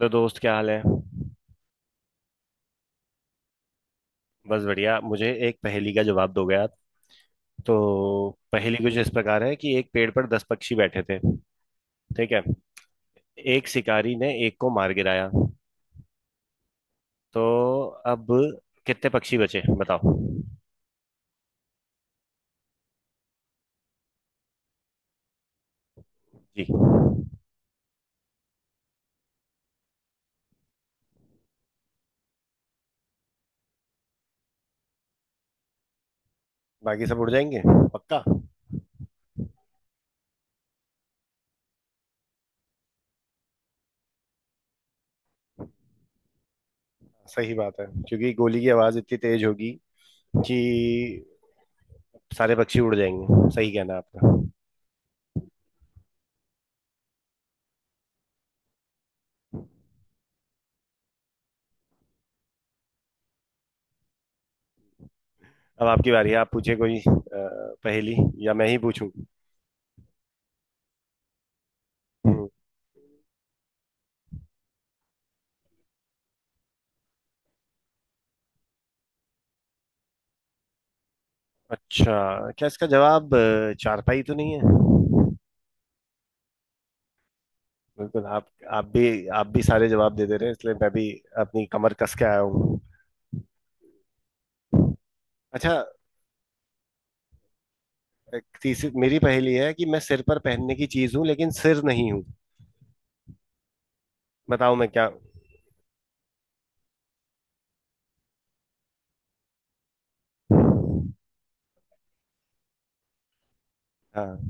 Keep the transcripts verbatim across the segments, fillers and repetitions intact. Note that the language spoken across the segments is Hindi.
तो दोस्त क्या हाल है। बस बढ़िया, मुझे एक पहेली का जवाब दोगे आप? तो पहेली कुछ इस प्रकार है कि एक पेड़ पर दस पक्षी बैठे थे। ठीक है, एक शिकारी ने एक को मार गिराया, तो अब कितने पक्षी बचे बताओ? जी, बाकी सब उड़ जाएंगे? पक्का? सही बात है, क्योंकि गोली की आवाज इतनी तेज होगी कि सारे पक्षी उड़ जाएंगे। सही कहना है आपका। अब आपकी बारी है, आप पूछे कोई अ, पहेली, या मैं ही पूछूं? अच्छा, क्या इसका जवाब अ, चारपाई तो नहीं है? बिल्कुल। आप आप भी आप भी सारे जवाब दे दे रहे हैं, इसलिए मैं भी अपनी कमर कस के आया हूँ। अच्छा, एक तीसरी मेरी पहेली है कि मैं सिर पर पहनने की चीज हूँ लेकिन सिर नहीं हूँ। बताओ मैं क्या हूँ? हाँ।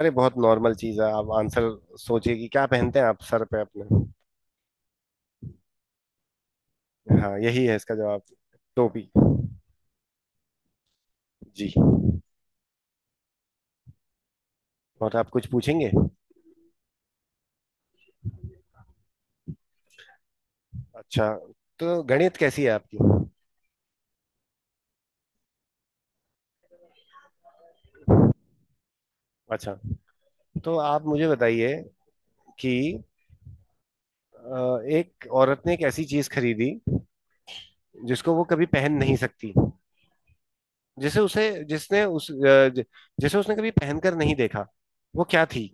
अरे बहुत नॉर्मल चीज है, आप आंसर सोचिए कि क्या पहनते हैं आप सर पे अपने। हाँ यही है इसका जवाब, टोपी। जी। और आप कुछ पूछेंगे? अच्छा, तो गणित कैसी है आपकी? अच्छा, तो आप मुझे बताइए कि अ, एक औरत ने एक ऐसी चीज खरीदी जिसको वो कभी पहन नहीं सकती, जिसे उसे जिसने उस अ, ज- जिसे उसने कभी पहनकर नहीं देखा। वो क्या थी?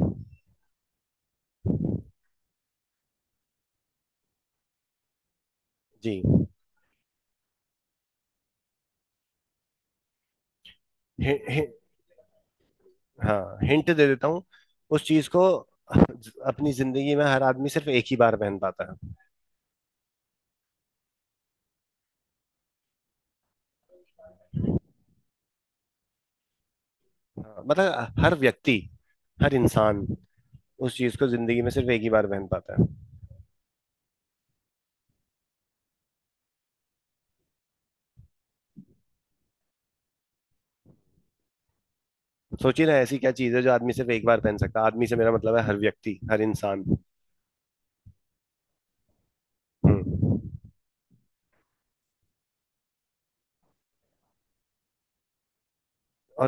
जी। हि, हि, हाँ हिंट दे देता हूँ, उस चीज को अपनी जिंदगी में हर आदमी सिर्फ एक ही बार पहन पाता है। हाँ, मतलब हर व्यक्ति, हर इंसान उस चीज को जिंदगी में सिर्फ एक ही बार पहन पाता है। सोचिए ना ऐसी क्या चीज है जो आदमी सिर्फ एक बार पहन सकता है, आदमी से मेरा मतलब है हर व्यक्ति, हर इंसान। और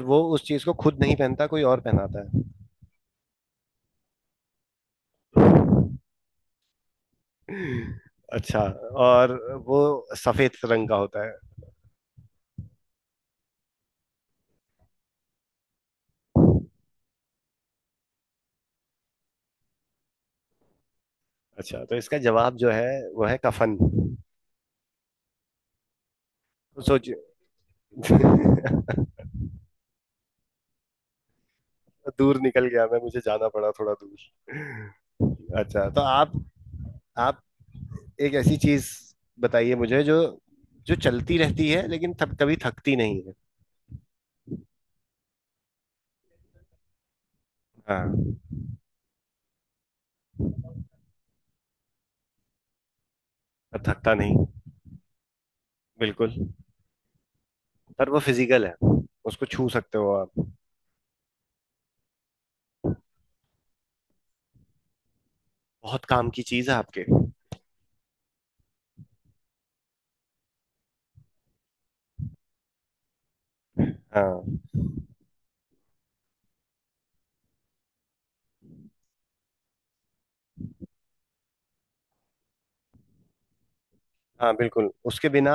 वो उस चीज को खुद नहीं पहनता, कोई और पहनाता है। अच्छा, और वो सफेद रंग का होता है। अच्छा, तो इसका जवाब जो है वो है कफन। सोच दूर निकल गया मैं, मुझे जाना पड़ा थोड़ा दूर। अच्छा, तो आप आप एक ऐसी चीज बताइए मुझे, जो जो चलती रहती है लेकिन थक, कभी थकती नहीं है। हाँ। पर थकता नहीं? बिल्कुल। पर वो फिजिकल है, उसको छू सकते हो आप। बहुत काम की चीज है आपके। हाँ। हाँ बिल्कुल, उसके बिना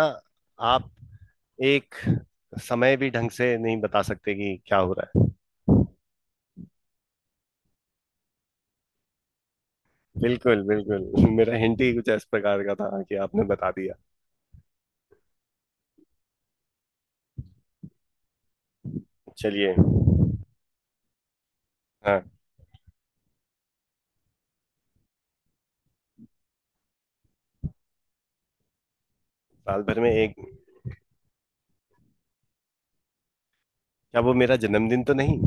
आप एक समय भी ढंग से नहीं बता सकते कि क्या हो रहा है। बिल्कुल बिल्कुल मेरा हिंट ही कुछ इस प्रकार का था कि आपने बता दिया। चलिए। हाँ। साल भर में एक? क्या वो मेरा जन्मदिन तो नहीं?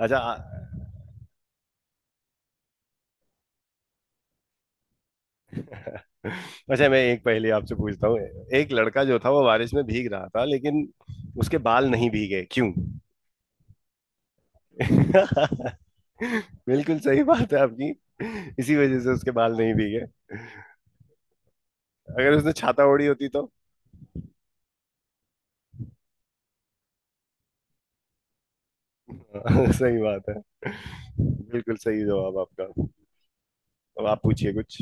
अच्छा आ- अच्छा, मैं एक पहेली आपसे पूछता हूँ। एक लड़का जो था वो बारिश में भीग रहा था, लेकिन उसके बाल नहीं भीगे, क्यों? बिल्कुल सही बात है आपकी, इसी वजह से उसके बाल नहीं भीगे। अगर उसने छाता ओढ़ी होती तो सही बात है, बिल्कुल सही जवाब आपका। अब आप पूछिए कुछ।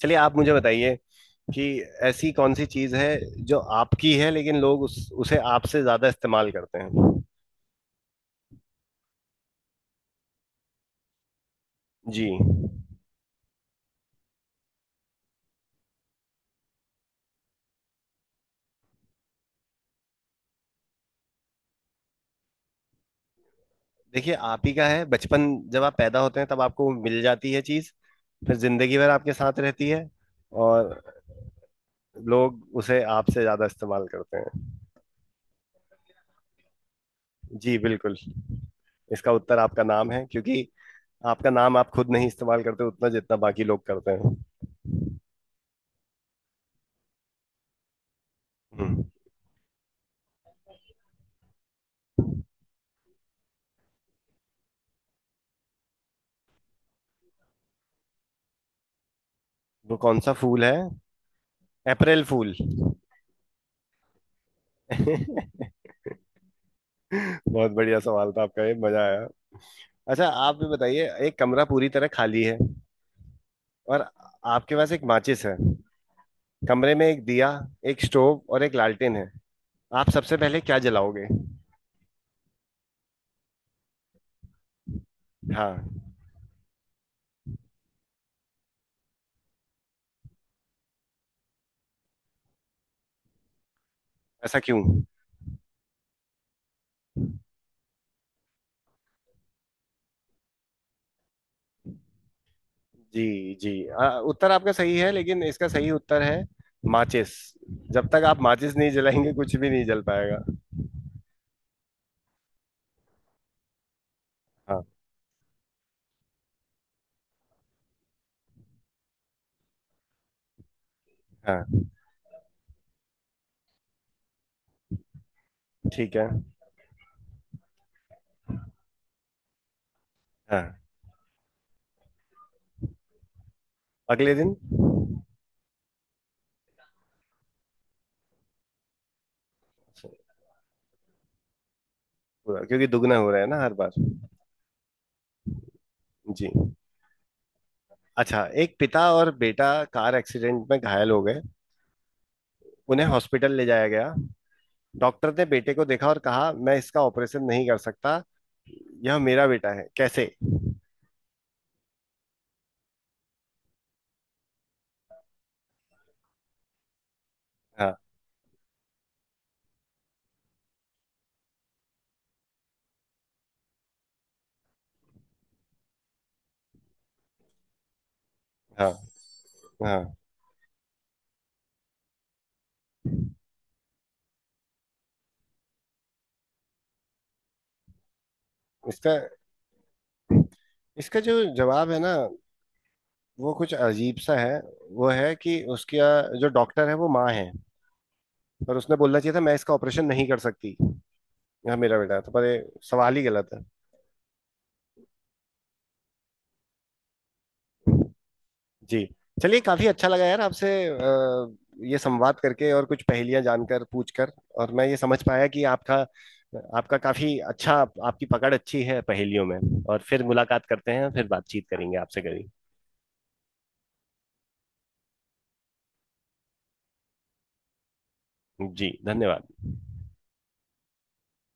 चलिए आप मुझे बताइए कि ऐसी कौन सी चीज है जो आपकी है लेकिन लोग उस उसे आपसे ज्यादा इस्तेमाल करते हैं। जी। देखिए आप ही का है बचपन, जब आप पैदा होते हैं तब आपको मिल जाती है चीज, फिर जिंदगी भर आपके साथ रहती है, और लोग उसे आपसे ज्यादा इस्तेमाल करते हैं। जी बिल्कुल, इसका उत्तर आपका नाम है, क्योंकि आपका नाम आप खुद नहीं इस्तेमाल करते उतना जितना बाकी लोग करते हैं। हम्म। वो कौन सा फूल है? अप्रैल फूल बहुत बढ़िया सवाल था आपका, ये मजा आया। अच्छा आप भी बताइए, एक कमरा पूरी तरह खाली है और आपके पास एक माचिस है, कमरे में एक दिया, एक स्टोव और एक लालटेन है। आप सबसे पहले क्या जलाओगे? हाँ। ऐसा क्यों? जी जी, आ, उत्तर आपका सही है लेकिन इसका सही उत्तर है माचिस। जब तक आप माचिस नहीं जलाएंगे कुछ भी नहीं जल पाएगा। हाँ। हाँ। ठीक है। हाँ। अगले दिन। पूरा, क्योंकि दुगना हो रहा है ना हर बार। जी। अच्छा, एक पिता और बेटा कार एक्सीडेंट में घायल हो गए, उन्हें हॉस्पिटल ले जाया गया। डॉक्टर ने बेटे को देखा और कहा मैं इसका ऑपरेशन नहीं कर सकता, यह मेरा बेटा है। कैसे? हाँ। हाँ। हाँ। इसका इसका जो जवाब है ना वो कुछ अजीब सा है। वो है कि उसका जो डॉक्टर है वो माँ है। पर उसने बोलना चाहिए था मैं इसका ऑपरेशन नहीं कर सकती, यह मेरा बेटा है। तो पर ये सवाल ही गलत है। जी। चलिए काफी अच्छा लगा यार आपसे अ, ये संवाद करके और कुछ पहेलियां जानकर पूछकर। और मैं ये समझ पाया कि आपका आपका काफी अच्छा आपकी पकड़ अच्छी है पहेलियों में। और फिर मुलाकात करते हैं, फिर बातचीत करेंगे आपसे कभी। जी धन्यवाद।